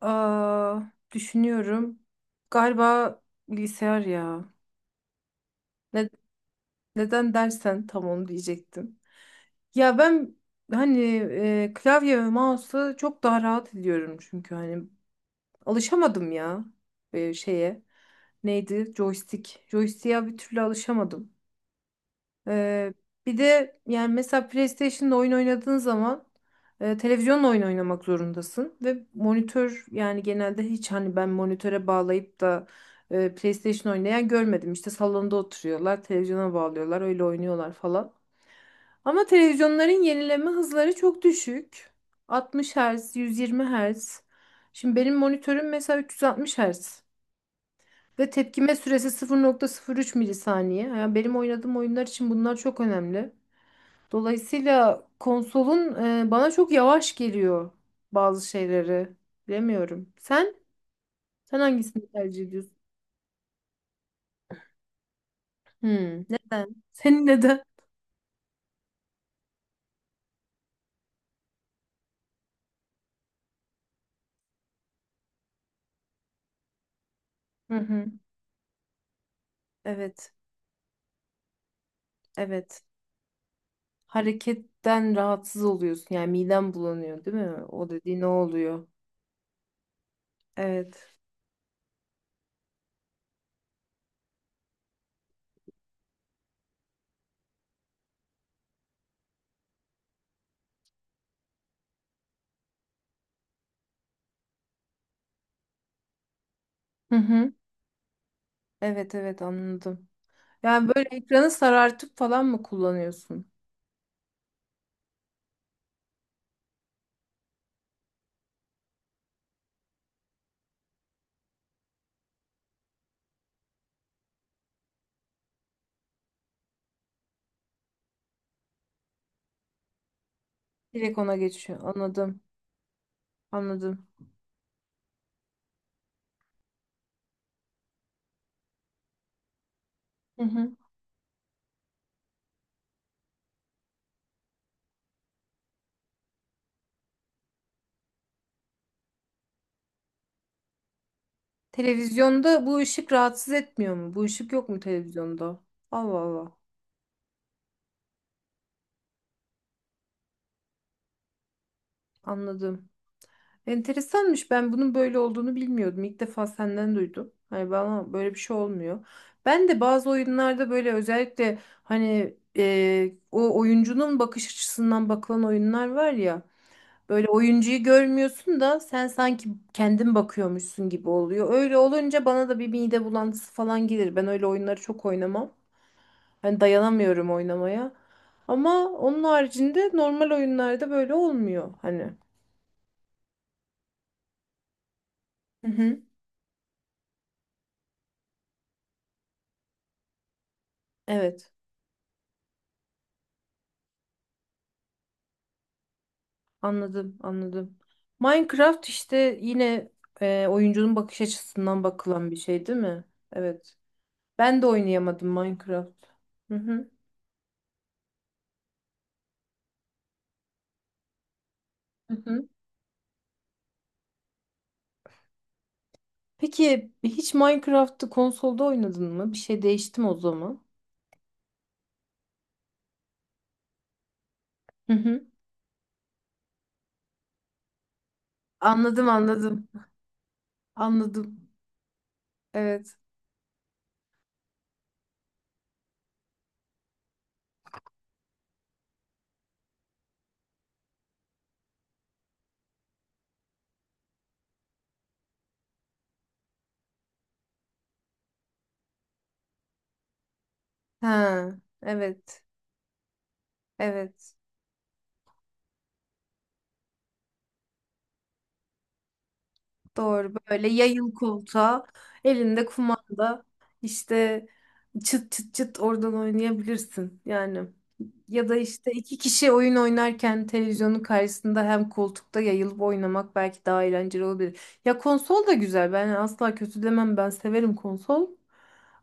Aa, düşünüyorum. Galiba bilgisayar ya. Ne, neden dersen tam onu diyecektim. Ya ben hani klavye ve mouse'u çok daha rahat ediyorum çünkü hani alışamadım ya şeye. Neydi? Joystick. Joystick'e bir türlü alışamadım. Ee, bir de yani mesela PlayStation'da oyun oynadığın zaman televizyonla oyun oynamak zorundasın ve monitör yani genelde hiç hani ben monitöre bağlayıp da PlayStation oynayan görmedim. İşte salonda oturuyorlar, televizyona bağlıyorlar, öyle oynuyorlar falan. Ama televizyonların yenileme hızları çok düşük. 60 Hz, 120 Hz. Şimdi benim monitörüm mesela 360 Hz. Ve tepkime süresi 0,03 milisaniye. Yani benim oynadığım oyunlar için bunlar çok önemli. Dolayısıyla konsolun bana çok yavaş geliyor bazı şeyleri. Bilemiyorum. Sen hangisini tercih ediyorsun? Hmm, neden? Senin neden? Hı hı. Evet. Evet. Hareketten rahatsız oluyorsun. Yani miden bulanıyor, değil mi? O dediğin ne oluyor? Evet. Hı hı. Evet evet, anladım. Yani böyle ekranı sarartıp falan mı kullanıyorsun? Direkt ona geçiyor. Anladım. Anladım. Hı hı. Televizyonda bu ışık rahatsız etmiyor mu? Bu ışık yok mu televizyonda? Allah Allah. Anladım. Enteresanmış. Ben bunun böyle olduğunu bilmiyordum. İlk defa senden duydum. Hani bana böyle bir şey olmuyor. Ben de bazı oyunlarda böyle özellikle hani o oyuncunun bakış açısından bakılan oyunlar var ya. Böyle oyuncuyu görmüyorsun da sen sanki kendin bakıyormuşsun gibi oluyor. Öyle olunca bana da bir mide bulantısı falan gelir. Ben öyle oyunları çok oynamam. Hani dayanamıyorum oynamaya. Ama onun haricinde normal oyunlarda böyle olmuyor hani. Hı hı. Evet, anladım, anladım. Minecraft işte yine oyuncunun bakış açısından bakılan bir şey değil mi? Evet. Ben de oynayamadım Minecraft. Hı hı. Hı hı. Peki hiç Minecraft'ı konsolda oynadın mı? Bir şey değişti mi o zaman? Hı hı. Anladım, anladım. Anladım. Evet. Ha, evet. Evet. Doğru, böyle yayıl koltuğa, elinde kumanda, işte çıt çıt çıt oradan oynayabilirsin yani. Ya da işte iki kişi oyun oynarken televizyonun karşısında hem koltukta yayılıp oynamak belki daha eğlenceli olabilir. Ya konsol da güzel, ben asla kötü demem, ben severim konsol.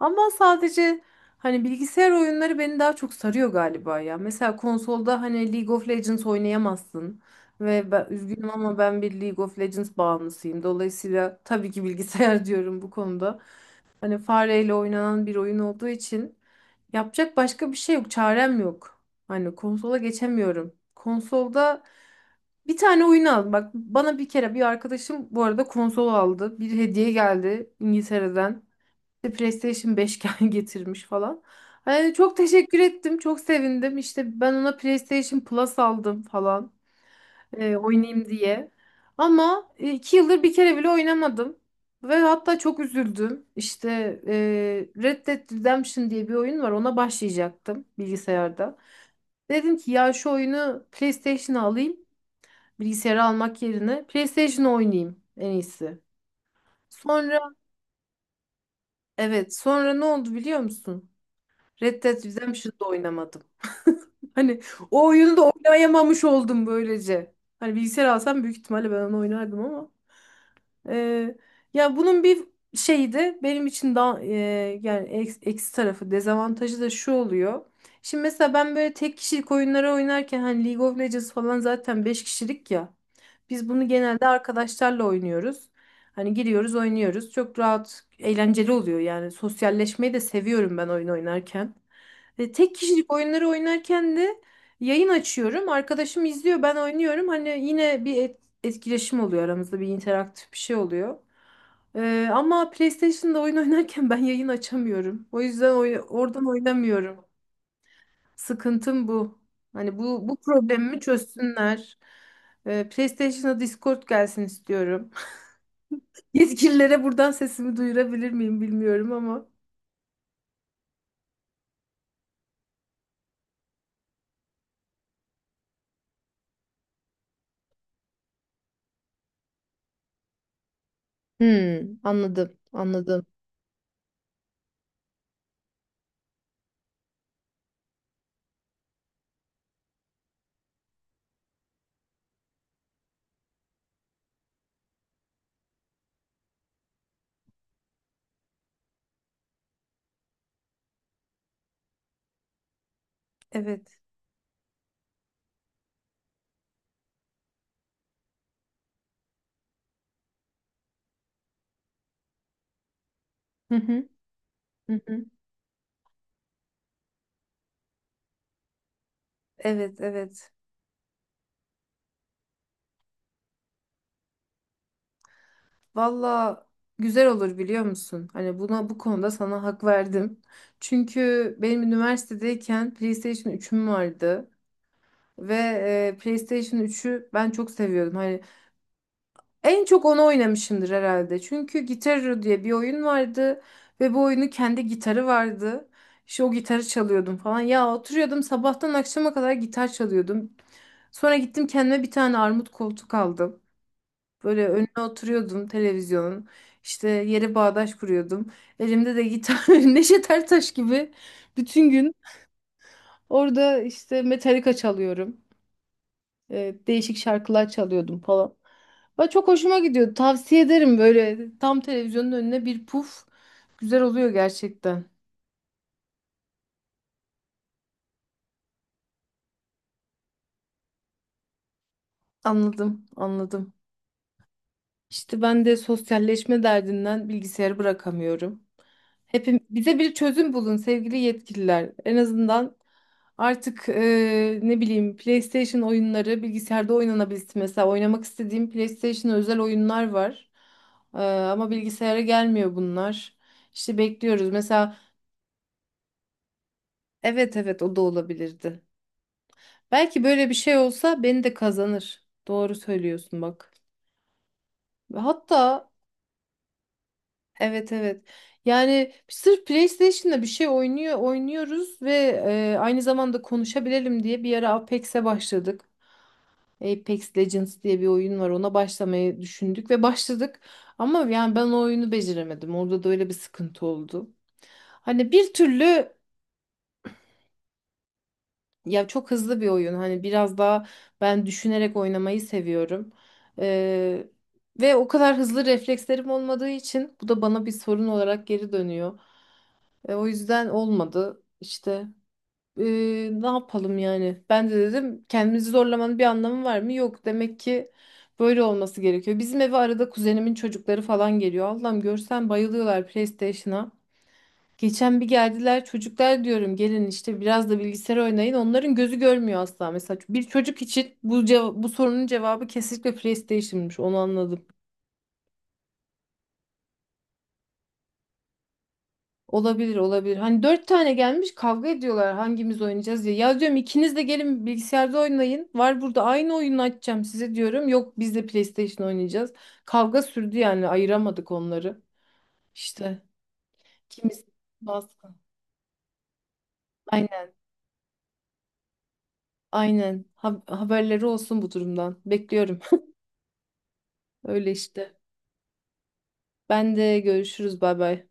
Ama sadece hani bilgisayar oyunları beni daha çok sarıyor galiba ya. Mesela konsolda hani League of Legends oynayamazsın. Ve ben üzgünüm ama ben bir League of Legends bağımlısıyım. Dolayısıyla tabii ki bilgisayar diyorum bu konuda. Hani fareyle oynanan bir oyun olduğu için yapacak başka bir şey yok. Çarem yok. Hani konsola geçemiyorum. Konsolda bir tane oyun al. Bak, bana bir kere bir arkadaşım bu arada konsol aldı. Bir hediye geldi İngiltere'den. İşte PlayStation 5 getirmiş falan. Hani çok teşekkür ettim. Çok sevindim. İşte ben ona PlayStation Plus aldım falan oynayayım diye. Ama 2 yıldır bir kere bile oynamadım. Ve hatta çok üzüldüm. İşte Red Dead Redemption diye bir oyun var. Ona başlayacaktım bilgisayarda. Dedim ki ya şu oyunu PlayStation'a alayım. Bilgisayara almak yerine PlayStation'a oynayayım en iyisi. Sonra, evet, sonra ne oldu biliyor musun? Red Dead Redemption'da oynamadım. Hani o oyunu da oynayamamış oldum böylece. Hani bilgisayar alsam büyük ihtimalle ben onu oynardım ama. Ee, ya bunun bir şeyi de benim için daha yani eksi tarafı, dezavantajı da şu oluyor. Şimdi mesela ben böyle tek kişilik oyunlara oynarken hani League of Legends falan zaten 5 kişilik ya. Biz bunu genelde arkadaşlarla oynuyoruz. Hani giriyoruz, oynuyoruz. Çok rahat, eğlenceli oluyor yani. Sosyalleşmeyi de seviyorum ben oyun oynarken. Tek kişilik oyunları oynarken de yayın açıyorum. Arkadaşım izliyor, ben oynuyorum. Hani yine bir etkileşim oluyor aramızda, bir interaktif bir şey oluyor. Ama PlayStation'da oyun oynarken ben yayın açamıyorum. O yüzden oradan oynamıyorum. Sıkıntım bu. Hani bu problemimi çözsünler. PlayStation'a Discord gelsin istiyorum. Yetkililere buradan sesimi duyurabilir miyim bilmiyorum ama. Hmm, anladım, anladım. Evet. Hı hı. Hı hı. Evet, evet. Valla güzel olur biliyor musun? Hani buna, bu konuda sana hak verdim. Çünkü benim üniversitedeyken PlayStation 3'üm vardı ve PlayStation 3'ü ben çok seviyordum. Hani en çok onu oynamışımdır herhalde. Çünkü Guitar Hero diye bir oyun vardı ve bu oyunu kendi gitarı vardı. İşte o gitarı çalıyordum falan. Ya oturuyordum sabahtan akşama kadar gitar çalıyordum. Sonra gittim kendime bir tane armut koltuk aldım. Böyle önüne oturuyordum televizyonun. İşte yere bağdaş kuruyordum. Elimde de gitar, Neşet Ertaş gibi bütün gün orada işte Metallica çalıyorum. Değişik şarkılar çalıyordum falan. Ve çok hoşuma gidiyordu. Tavsiye ederim, böyle tam televizyonun önüne bir puf. Güzel oluyor gerçekten. Anladım, anladım. İşte ben de sosyalleşme derdinden bilgisayarı bırakamıyorum. Hepim bize bir çözüm bulun sevgili yetkililer. En azından artık ne bileyim, PlayStation oyunları bilgisayarda oynanabilsin. Mesela oynamak istediğim PlayStation özel oyunlar var. Ama bilgisayara gelmiyor bunlar. İşte bekliyoruz. Mesela. Evet, evet, o da olabilirdi. Belki böyle bir şey olsa beni de kazanır. Doğru söylüyorsun bak. Ve hatta. Evet, evet. Yani sırf PlayStation'da bir şey oynuyoruz ve aynı zamanda konuşabilelim diye bir ara Apex'e başladık. Apex Legends diye bir oyun var. Ona başlamayı düşündük ve başladık. Ama yani ben o oyunu beceremedim. Orada da öyle bir sıkıntı oldu. Hani bir türlü. Ya, çok hızlı bir oyun. Hani biraz daha ben düşünerek oynamayı seviyorum. Ee, ve o kadar hızlı reflekslerim olmadığı için bu da bana bir sorun olarak geri dönüyor. O yüzden olmadı işte. E, ne yapalım yani? Ben de dedim, kendimizi zorlamanın bir anlamı var mı? Yok demek ki, böyle olması gerekiyor. Bizim eve arada kuzenimin çocukları falan geliyor. Allah'ım, görsen bayılıyorlar PlayStation'a. Geçen bir geldiler, çocuklar diyorum, gelin işte biraz da bilgisayar oynayın. Onların gözü görmüyor asla. Mesela bir çocuk için bu sorunun cevabı kesinlikle PlayStation'mış, onu anladım. Olabilir olabilir. Hani 4 tane gelmiş, kavga ediyorlar hangimiz oynayacağız diye. Ya, diyorum, ikiniz de gelin bilgisayarda oynayın. Var burada, aynı oyunu açacağım size diyorum. Yok, biz de PlayStation oynayacağız. Kavga sürdü yani, ayıramadık onları. İşte kimisi baskı. Aynen aynen. Haberleri olsun bu durumdan. Bekliyorum. Öyle işte. Ben de görüşürüz, bay bay.